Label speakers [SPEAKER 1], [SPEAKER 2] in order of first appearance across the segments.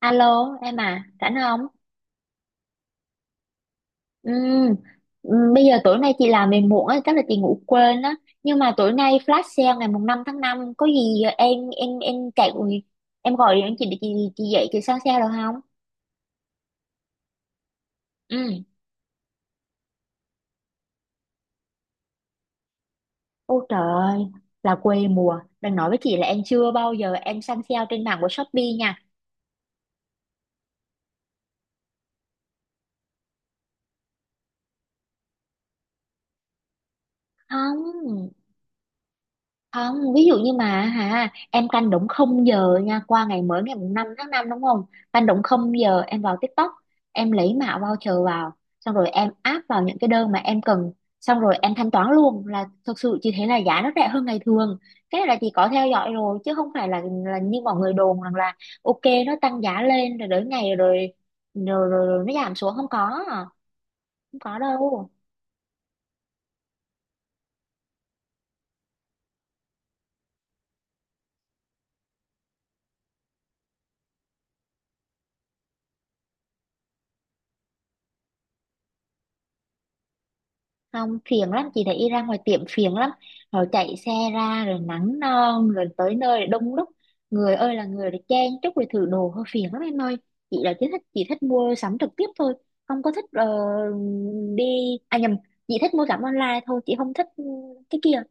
[SPEAKER 1] Alo em à, rảnh không? Ừm, Bây giờ tối nay chị làm về muộn á, chắc là chị ngủ quên á. Nhưng mà tối nay flash sale ngày mùng 5/5 có gì em chạy em gọi điện chị để chị dậy chị sang sale được không? Ừ. Ôi trời ơi, là quê mùa. Đừng nói với chị là em chưa bao giờ em săn sale trên mạng của Shopee nha. Không. Không, ví dụ như mà hả, em canh đúng không giờ nha, qua ngày mới ngày mùng 5 tháng 5 đúng không? Canh đúng không giờ em vào TikTok, em lấy mã voucher vào, xong rồi em áp vào những cái đơn mà em cần, xong rồi em thanh toán luôn là thực sự chỉ thế là giá nó rẻ hơn ngày thường. Cái này là chị có theo dõi rồi chứ không phải là như mọi người đồn rằng là ok nó tăng giá lên rồi đến ngày rồi nó giảm xuống không có, không có đâu. Không phiền lắm, chị thấy ra ngoài tiệm phiền lắm, rồi chạy xe ra rồi nắng non rồi tới nơi rồi đông đúc, người ơi là người, rồi chen chúc rồi thử đồ hơi phiền lắm em ơi. Chị là chỉ thích, chị thích mua sắm trực tiếp thôi, không có thích. Ờ, Đi à nhầm, chị thích mua sắm online thôi, chị không thích cái kia.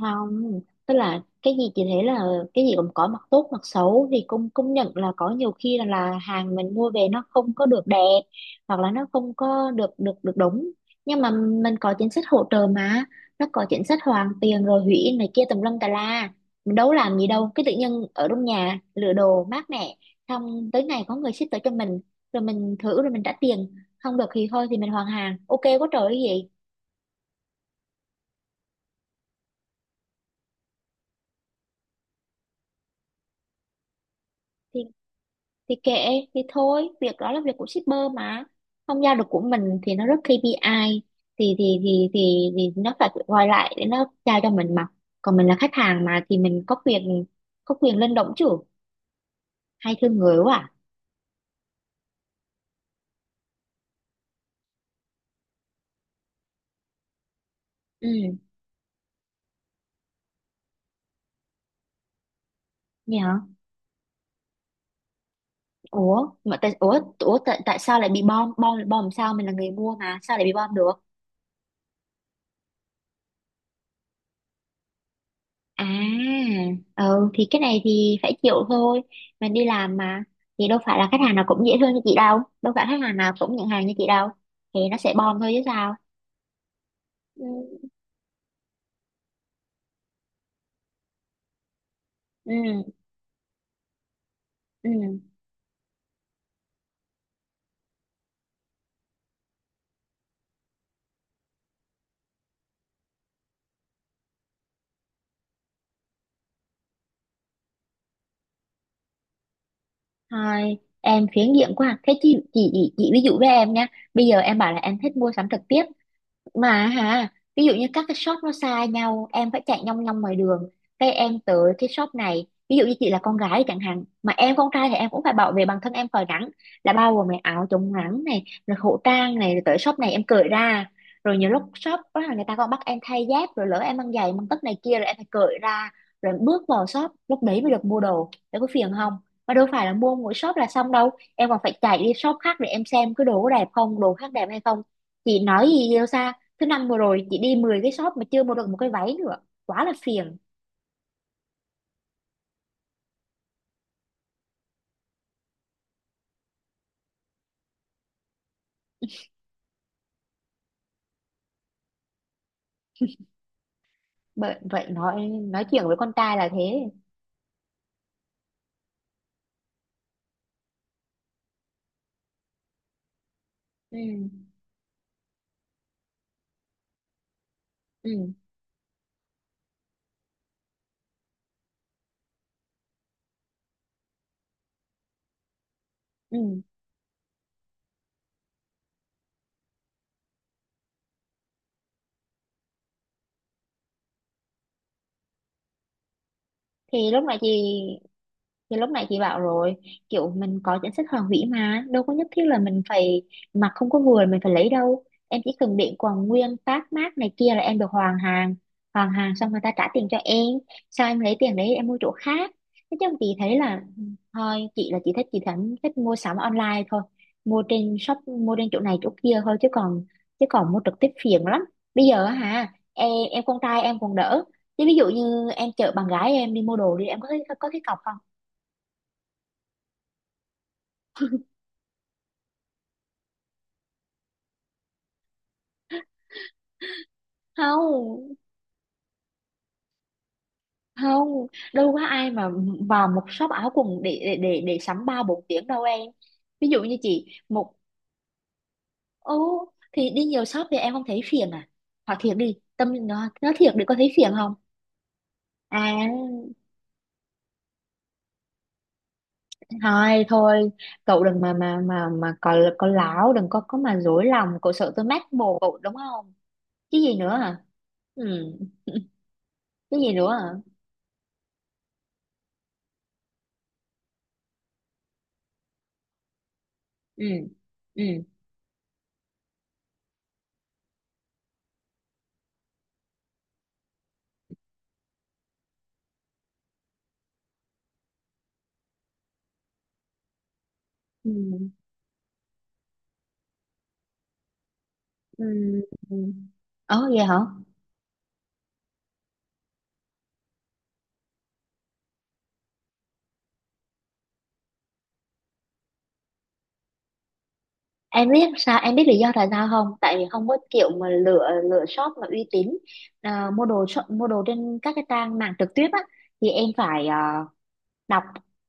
[SPEAKER 1] Không, tức là cái gì chị thấy là cái gì cũng có mặt tốt mặt xấu, thì cũng công nhận là có nhiều khi là hàng mình mua về nó không có được đẹp, hoặc là nó không có được được được đúng. Nhưng mà mình có chính sách hỗ trợ mà, nó có chính sách hoàn tiền rồi hủy in này kia tùm lum tà la. Mình đâu có làm gì đâu, cái tự nhiên ở trong nhà lựa đồ mát mẻ, xong tới ngày có người ship tới cho mình, rồi mình thử rồi mình trả tiền, không được thì thôi thì mình hoàn hàng, ok quá trời cái gì. Thì kệ, thì thôi, việc đó là việc của shipper mà, không giao được của mình thì nó rất KPI, thì nó phải gọi lại để nó giao cho mình mà. Còn mình là khách hàng mà, thì mình có quyền, có quyền lên động chứ, hay thương người quá à. Ừ nhỉ. Ủa mà tại, ủa ủa tại, tại sao lại bị bom bom bom làm sao, mình là người mua mà sao lại bị bom được? À, ừ, thì cái này thì phải chịu thôi. Mình đi làm mà. Thì đâu phải là khách hàng nào cũng dễ thương như chị đâu. Đâu phải khách hàng nào cũng nhận hàng như chị đâu. Thì nó sẽ bom thôi chứ sao. Ừ, ừ, ừ. Thôi, em phiến diện quá. Thế chị ví dụ với em nha. Bây giờ em bảo là em thích mua sắm trực tiếp. Mà hả, ví dụ như các cái shop nó xa nhau, em phải chạy nhong nhong ngoài đường. Cái em tới cái shop này, ví dụ như chị là con gái chẳng hạn, mà em con trai thì em cũng phải bảo vệ bản thân em khỏi nắng, là bao gồm này áo chống nắng này rồi khẩu trang này, rồi tới shop này em cởi ra. Rồi nhiều lúc shop đó là người ta còn bắt em thay dép, rồi lỡ em mang giày mang tất này kia, rồi em phải cởi ra, rồi em bước vào shop lúc đấy mới được mua đồ, để có phiền không? Mà đâu phải là mua mỗi shop là xong đâu, em còn phải chạy đi shop khác để em xem cái đồ có đẹp không, đồ khác đẹp hay không. Chị nói gì yêu xa, thứ năm vừa rồi chị đi 10 cái shop mà chưa mua được một cái váy nữa, quá là phiền. Bởi vậy nói chuyện với con trai là thế. Ừ, ừ, ừ, thì lúc nãy chị. Thì lúc nãy chị bảo rồi, kiểu mình có chính sách hoàn hủy mà, đâu có nhất thiết là mình phải mặc không có vừa là mình phải lấy đâu. Em chỉ cần để quần nguyên tag mác này kia là em được hoàn hàng. Hoàn hàng xong người ta trả tiền cho em, sao em lấy tiền đấy em mua chỗ khác. Thế chứ chị thấy là thôi, chị là chị thích, chị thẳng thích mua sắm online thôi. Mua trên shop, mua trên chỗ này chỗ kia thôi, chứ còn mua trực tiếp phiền lắm. Bây giờ á hả, em con trai em còn đỡ. Chứ ví dụ như em chở bạn gái em đi mua đồ đi, em có thấy có cái cọc không? Không, không, đâu có ai mà vào một shop áo quần để sắm ba bốn tiếng đâu em. Ví dụ như chị một. Ô, thì đi nhiều shop thì em không thấy phiền à? Hỏi thiệt đi, tâm nó thiệt đi, có thấy phiền không? À thôi thôi, cậu đừng mà có láo, đừng có có mà dối lòng, cậu sợ tôi mách bồ cậu đúng không? Cái gì nữa hả? Ừ. Cái gì nữa hả? Ừ, ừ, ừ, ừ, ừ, ờ vậy hả? Em biết sao, em biết lý do tại sao không? Tại vì không có kiểu mà lựa, lựa shop mà uy tín. À, mua đồ shop, mua đồ trên các cái trang mạng trực tiếp á, thì em phải, đọc,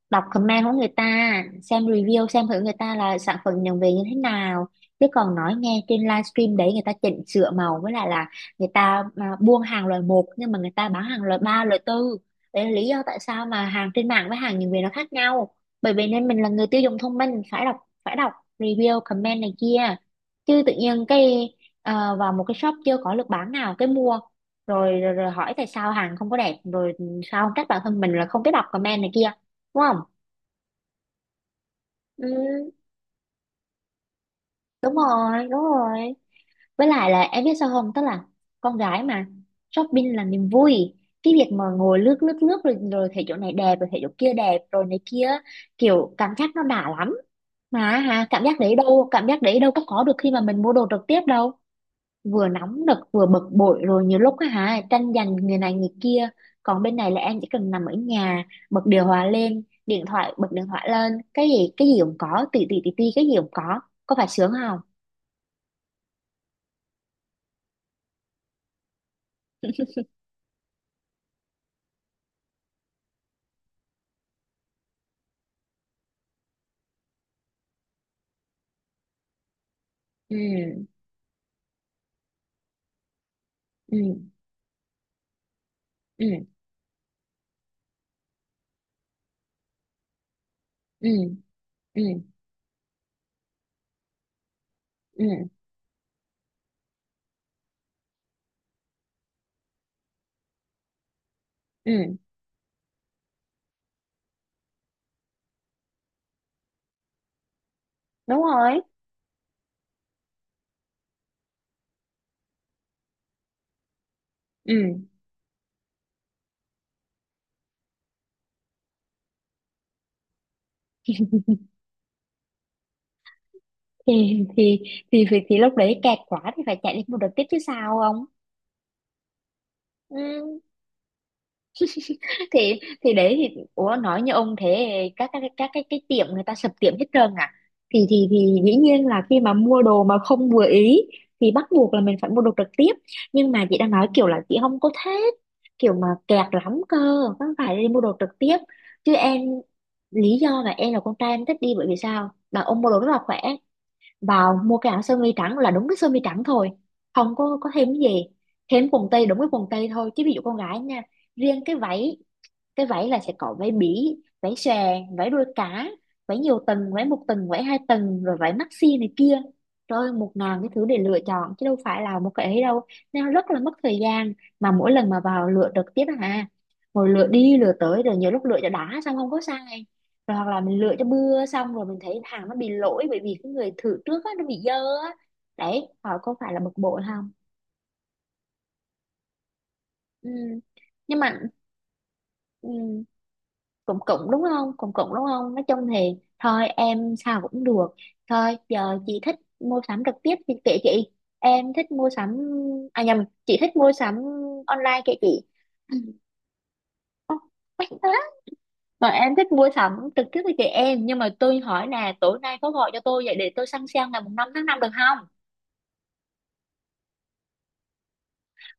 [SPEAKER 1] đọc comment của người ta, xem review, xem thử người ta là sản phẩm nhận về như thế nào. Chứ còn nói nghe trên livestream đấy người ta chỉnh sửa màu, với lại là người ta buôn hàng loại một nhưng mà người ta bán hàng loại ba loại tư. Đấy là lý do tại sao mà hàng trên mạng với hàng nhận về nó khác nhau. Bởi vì nên mình là người tiêu dùng thông minh, phải đọc, phải đọc review comment này kia. Chứ tự nhiên cái vào một cái shop chưa có lực bán nào cái mua, rồi, rồi rồi hỏi tại sao hàng không có đẹp, rồi sao không trách bản thân mình là không biết đọc comment này kia, đúng không? Ừ, đúng rồi, đúng rồi. Với lại là em biết sao không, tức là con gái mà, shopping là niềm vui. Cái việc mà ngồi lướt lướt lướt rồi, rồi thấy chỗ này đẹp rồi thấy chỗ kia đẹp rồi này kia, kiểu cảm giác nó đã lắm. Mà hả, cảm giác đấy đâu, cảm giác đấy đâu có được khi mà mình mua đồ trực tiếp đâu. Vừa nóng nực vừa bực bội, rồi nhiều lúc á hả tranh giành người này người kia. Còn bên này là em chỉ cần nằm ở nhà, bật điều hòa lên, điện thoại bật điện thoại lên, cái gì cũng có, tì tì tì tì cái gì cũng có phải sướng không? Ừ, ừ, ừ, ừ, ừ, ừ, ừ, đúng rồi. Ừ, thì thì thì lúc đấy kẹt quá thì phải chạy lên một đợt tiếp chứ sao không. Ừ, thì đấy, thì ủa nói như ông thế, các cái tiệm người ta sập tiệm hết trơn à. Thì dĩ nhiên là khi mà mua đồ mà không vừa ý thì bắt buộc là mình phải mua đồ trực tiếp. Nhưng mà chị đang nói kiểu là chị không có thích kiểu mà kẹt lắm cơ, không phải đi mua đồ trực tiếp. Chứ em, lý do là em là con trai em thích đi bởi vì sao, là ông mua đồ rất là khỏe. Vào mua cái áo sơ mi trắng là đúng cái sơ mi trắng thôi, không có có thêm cái gì, thêm quần tây đúng cái quần tây thôi, chứ ví dụ con gái nha, riêng cái váy, cái váy là sẽ có váy bí váy xòe, váy đuôi cá, váy nhiều tầng váy một tầng váy hai tầng rồi váy maxi này kia. Trời ơi, 1.000 cái thứ để lựa chọn chứ đâu phải là một cái ấy đâu, nên nó rất là mất thời gian. Mà mỗi lần mà vào lựa trực tiếp à, ngồi lựa đi lựa tới, rồi nhiều lúc lựa cho đã xong không có sai, rồi hoặc là mình lựa cho bưa xong rồi mình thấy hàng nó bị lỗi bởi vì cái người thử trước á nó bị dơ á, đấy họ có phải là bực bội không. Ừ. Nhưng mà ừ. Cũng cũng đúng không, cũng cũng đúng không, nói chung thì thôi em sao cũng được. Thôi giờ chị thích mua sắm trực tiếp thì kệ chị, em thích mua sắm, à nhầm, chị thích mua sắm online kệ chị. Mắc quá. Còn em thích mua sắm trực tiếp với chị em, nhưng mà tôi hỏi là tối nay có gọi cho tôi vậy để tôi săn sale ngày mùng 5/5 được không?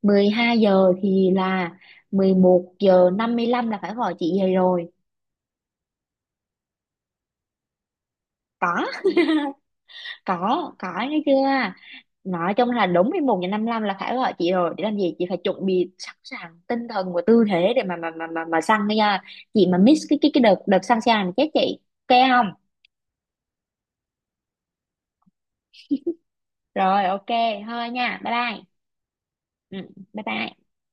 [SPEAKER 1] 12 giờ thì là 11 giờ 55 là phải gọi chị về rồi. Có. Có nghe chưa, nói chung là đúng 11 giờ 55 là phải gọi chị rồi, để làm gì, chị phải chuẩn bị sẵn sàng tinh thần và tư thế để mà săn nha. Chị mà miss cái cái đợt đợt săn sàn chết chị. Ok không? Rồi ok, thôi nha, bye bye. Ừ, bye bye.